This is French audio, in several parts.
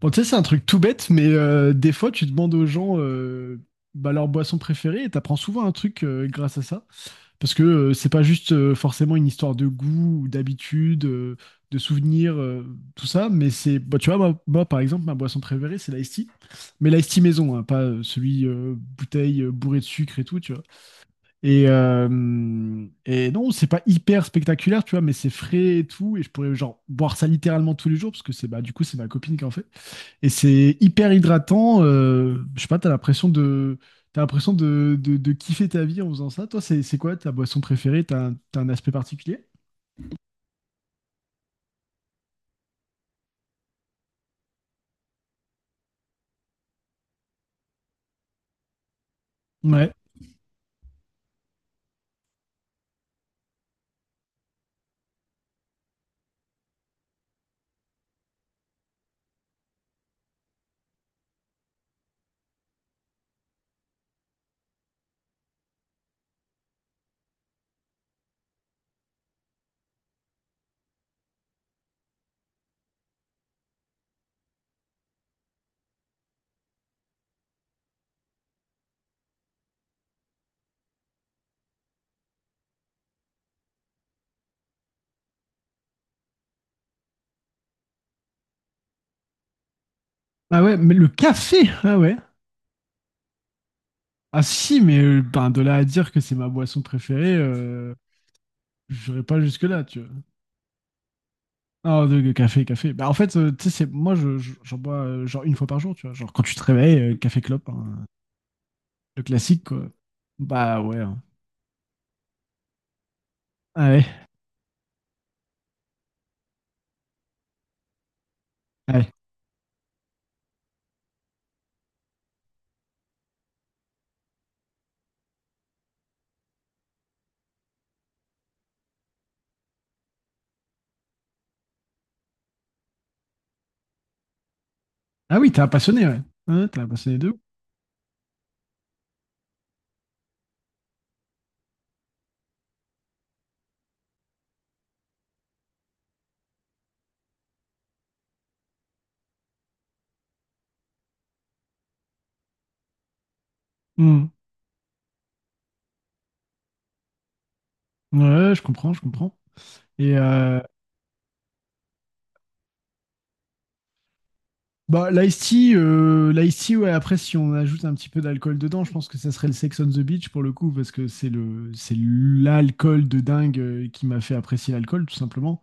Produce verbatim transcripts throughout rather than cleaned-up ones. Bon, tu sais, c'est un truc tout bête, mais euh, des fois, tu demandes aux gens euh, bah, leur boisson préférée et t'apprends souvent un truc euh, grâce à ça. Parce que euh, c'est pas juste euh, forcément une histoire de goût ou d'habitude, euh, de souvenirs, euh, tout ça, mais c'est, bah, tu vois, moi, moi, par exemple, ma boisson préférée, c'est l'Ice tea. Mais l'Ice tea maison, hein, pas euh, celui euh, bouteille euh, bourré de sucre et tout, tu vois. Et, euh, et non, c'est pas hyper spectaculaire, tu vois, mais c'est frais et tout. Et je pourrais, genre, boire ça littéralement tous les jours, parce que c'est, bah, du coup, c'est ma copine qui en fait. Et c'est hyper hydratant. Euh, je sais pas, t'as l'impression de, t'as l'impression de, de, de kiffer ta vie en faisant ça. Toi, c'est, c'est quoi ta boisson préférée? T'as un, t'as un aspect particulier? Ouais. Ah ouais, mais le café! Ah ouais. Ah si, mais euh, ben, de là à dire que c'est ma boisson préférée, euh, j'irai pas jusque-là, tu vois. Ah, de, de café, café. Bah en fait, euh, tu sais, c'est, moi, je, je- j'en bois euh, genre une fois par jour, tu vois. Genre quand tu te réveilles, euh, café clope, hein. Le classique, quoi. Bah ouais. Hein. Ah ouais. Ah ouais. Ah oui, t'es un passionné, ouais. Ouais, t'es un passionné de ouf. Hmm. Ouais, je comprends, je comprends. Et euh, bah, L'ice-tea, euh, l'ice-tea, ouais, après, si on ajoute un petit peu d'alcool dedans, je pense que ça serait le Sex on the Beach pour le coup, parce que c'est le, c'est l'alcool de dingue euh, qui m'a fait apprécier l'alcool, tout simplement.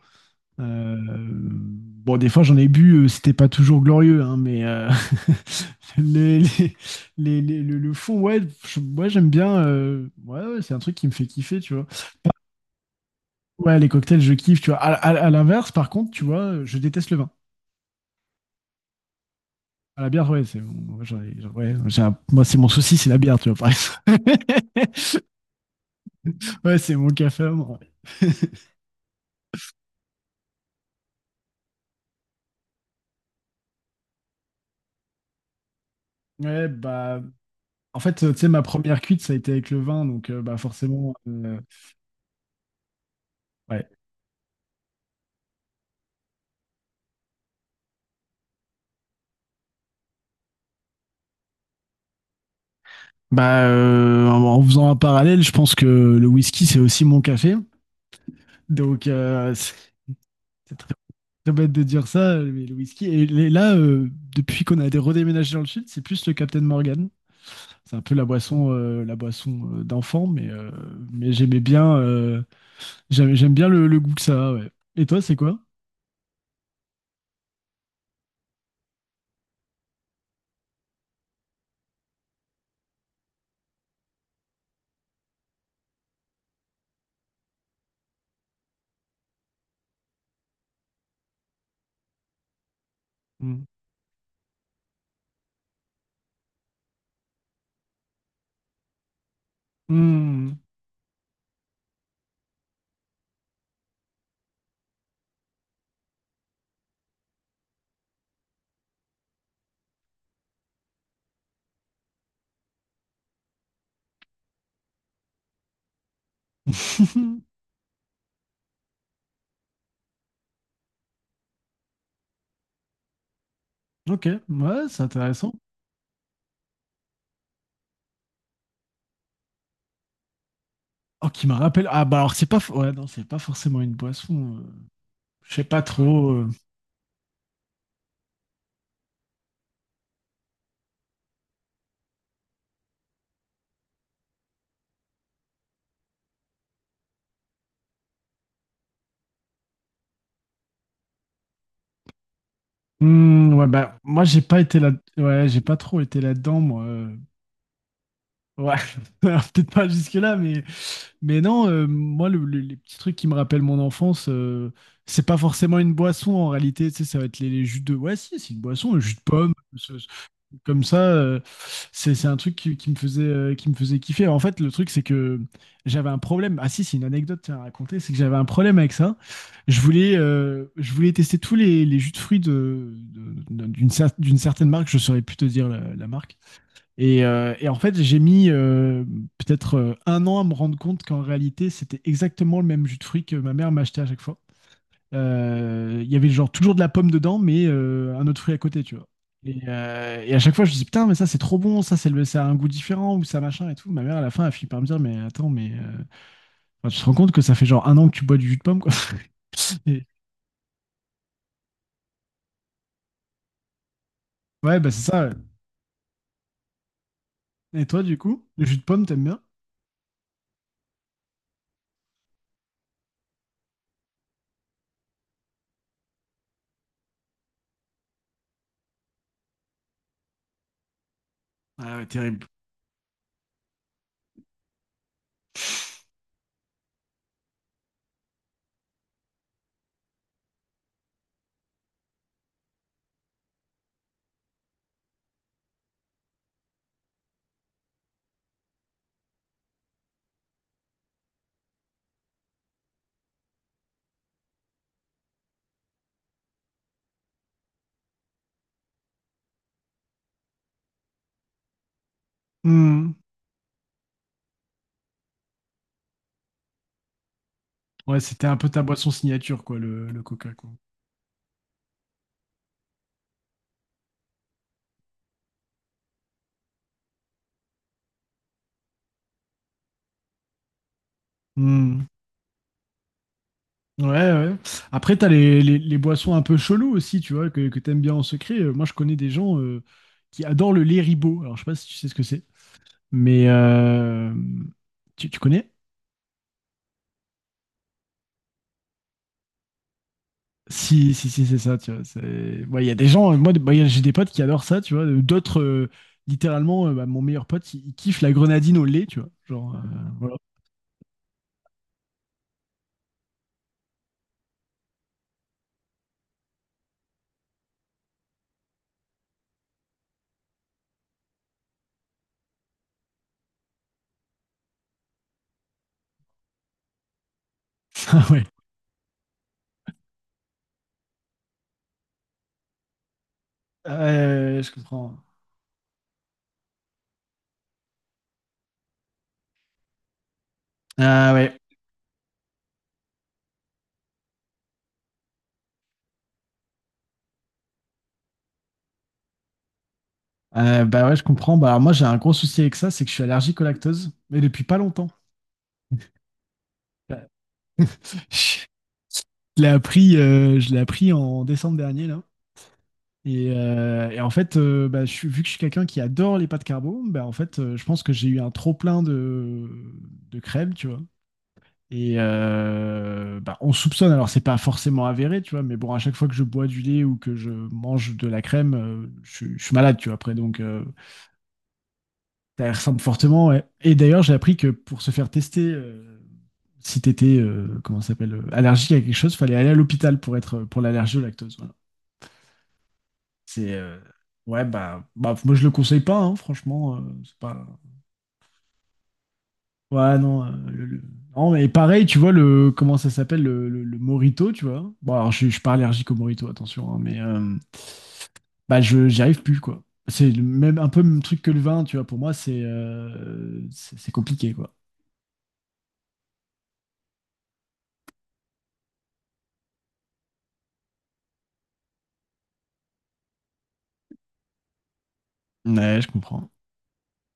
Euh, bon, des fois, j'en ai bu, euh, c'était pas toujours glorieux, hein, mais euh, les- les- les- les- le, le fond, ouais, je- ouais, j'aime bien. Euh, ouais, ouais, c'est un truc qui me fait kiffer, tu vois. Ouais, les cocktails, je kiffe, tu vois. À, à- à l'inverse, par contre, tu vois, je déteste le vin. Ah, la bière, ouais, c'est mon- j'en ai- j'en- ouais, j'ai un- moi, c'est mon souci, c'est la bière, tu vois, par exemple. Ouais, c'est mon café à moi. Ouais, bah, en fait, tu sais, ma première cuite, ça a été avec le vin, donc euh, bah forcément, euh, ouais. Bah, euh, en, en faisant un parallèle, je pense que le whisky, c'est aussi mon café. Donc, euh, c'est c'est très, très bête de dire ça, mais le whisky. Et les- là, euh, depuis qu'on a été redéménagé dans le sud, c'est plus le Captain Morgan. C'est un peu la boisson, euh, la boisson euh, d'enfant, mais, euh, mais j'aimais bien, euh, j'aime, j'aime bien le, le goût que ça a, ouais. Et toi, c'est quoi? Mm. Mm. Ok, ouais, c'est intéressant. Oh, qui me rappelle. Ah, bah alors, c'est pas. f- Ouais, non, c'est pas forcément une boisson. euh, Je sais pas trop. euh, Hmm, ouais, bah, moi, j'ai pas été là. Ouais, j'ai pas trop été là-dedans, moi. euh. Ouais, alors, peut-être pas jusque-là, mais, mais non, euh, moi, le- le- les petits trucs qui me rappellent mon enfance, euh, c'est pas forcément une boisson en réalité. Tu sais, ça va être les, les jus de. Ouais, si, c'est une boisson, le jus de pomme. Comme ça, euh, c'est c'est un truc qui, qui me faisait, euh, qui me faisait kiffer. En fait, le truc, c'est que j'avais un problème. Ah si, c'est une anecdote tiens, à raconter, c'est que j'avais un problème avec ça. Je voulais, euh, je voulais tester tous les, les jus de fruits de, de- d'une cer- d'une certaine marque, je saurais plus te dire la, la marque. Et, euh, et en fait, j'ai mis euh, peut-être euh, un an à me rendre compte qu'en réalité, c'était exactement le même jus de fruits que ma mère m'achetait à chaque fois. Euh, Il y avait genre toujours de la pomme dedans, mais euh, un autre fruit à côté, tu vois. Et, euh, et à chaque fois, je dis putain, mais ça c'est trop bon, ça c'est le, ça a un goût différent ou ça machin et tout. Ma mère à la fin, elle finit par me dire, mais attends, mais euh, enfin, tu te rends compte que ça fait genre un an que tu bois du jus de pomme, quoi. Et- ouais, bah c'est ça. Ouais. Et toi, du coup, le jus de pomme, t'aimes bien? Ah ouais, terrible. Hmm. Ouais, c'était un peu ta boisson signature, quoi, le, le coca, quoi. Hmm. Ouais, ouais. Après, t'as les, les, les boissons un peu cheloues aussi, tu vois, que, que t'aimes bien en secret. Euh, Moi, je connais des gens euh, qui adorent le lait ribot. Alors, je sais pas si tu sais ce que c'est, mais euh, tu, tu connais? Si, si, si, c'est ça, tu vois. c'est- Ouais, il y a des gens, euh, moi, bah, il y a- j'ai des potes qui adorent ça, tu vois. Euh, D'autres, euh, littéralement, euh, bah, mon meilleur pote, il, il kiffe la grenadine au lait, tu vois. Genre, euh, voilà. Ah ouais. Euh, je comprends. Ah ouais. Euh, bah ouais, je comprends. Bah, alors moi, j'ai un gros souci avec ça, c'est que je suis allergique au lactose, mais depuis pas longtemps. Bah, je l'ai appris, euh, je l'ai appris en décembre dernier, là. Et, euh, et en fait, euh, bah, je suis, vu que je suis quelqu'un qui adore les pâtes carbo, bah, en fait, euh, je pense que j'ai eu un trop-plein de, de crème, tu vois. Et euh, bah, on soupçonne, alors c'est pas forcément avéré, tu vois, mais bon, à chaque fois que je bois du lait ou que je mange de la crème, euh, je, je suis malade, tu vois, après, donc euh, ça ressemble fortement. Ouais. Et d'ailleurs, j'ai appris que pour se faire tester. Euh, si t'étais, euh, comment ça s'appelle, euh, allergique à quelque chose, fallait aller à l'hôpital pour être euh, pour l'allergie au lactose. Voilà. C'est euh, Ouais bah, bah moi je le conseille pas, hein, franchement, euh, c'est pas. Ouais non, euh, le- le- non mais pareil, tu vois le comment ça s'appelle le, le, le Morito, tu vois. Bon alors je, je suis pas allergique au Morito, attention, hein, mais euh, bah je j'y arrive plus quoi. C'est le même un peu le même truc que le vin, tu vois. Pour moi c'est euh, c'est c'est compliqué quoi. Ouais, je comprends.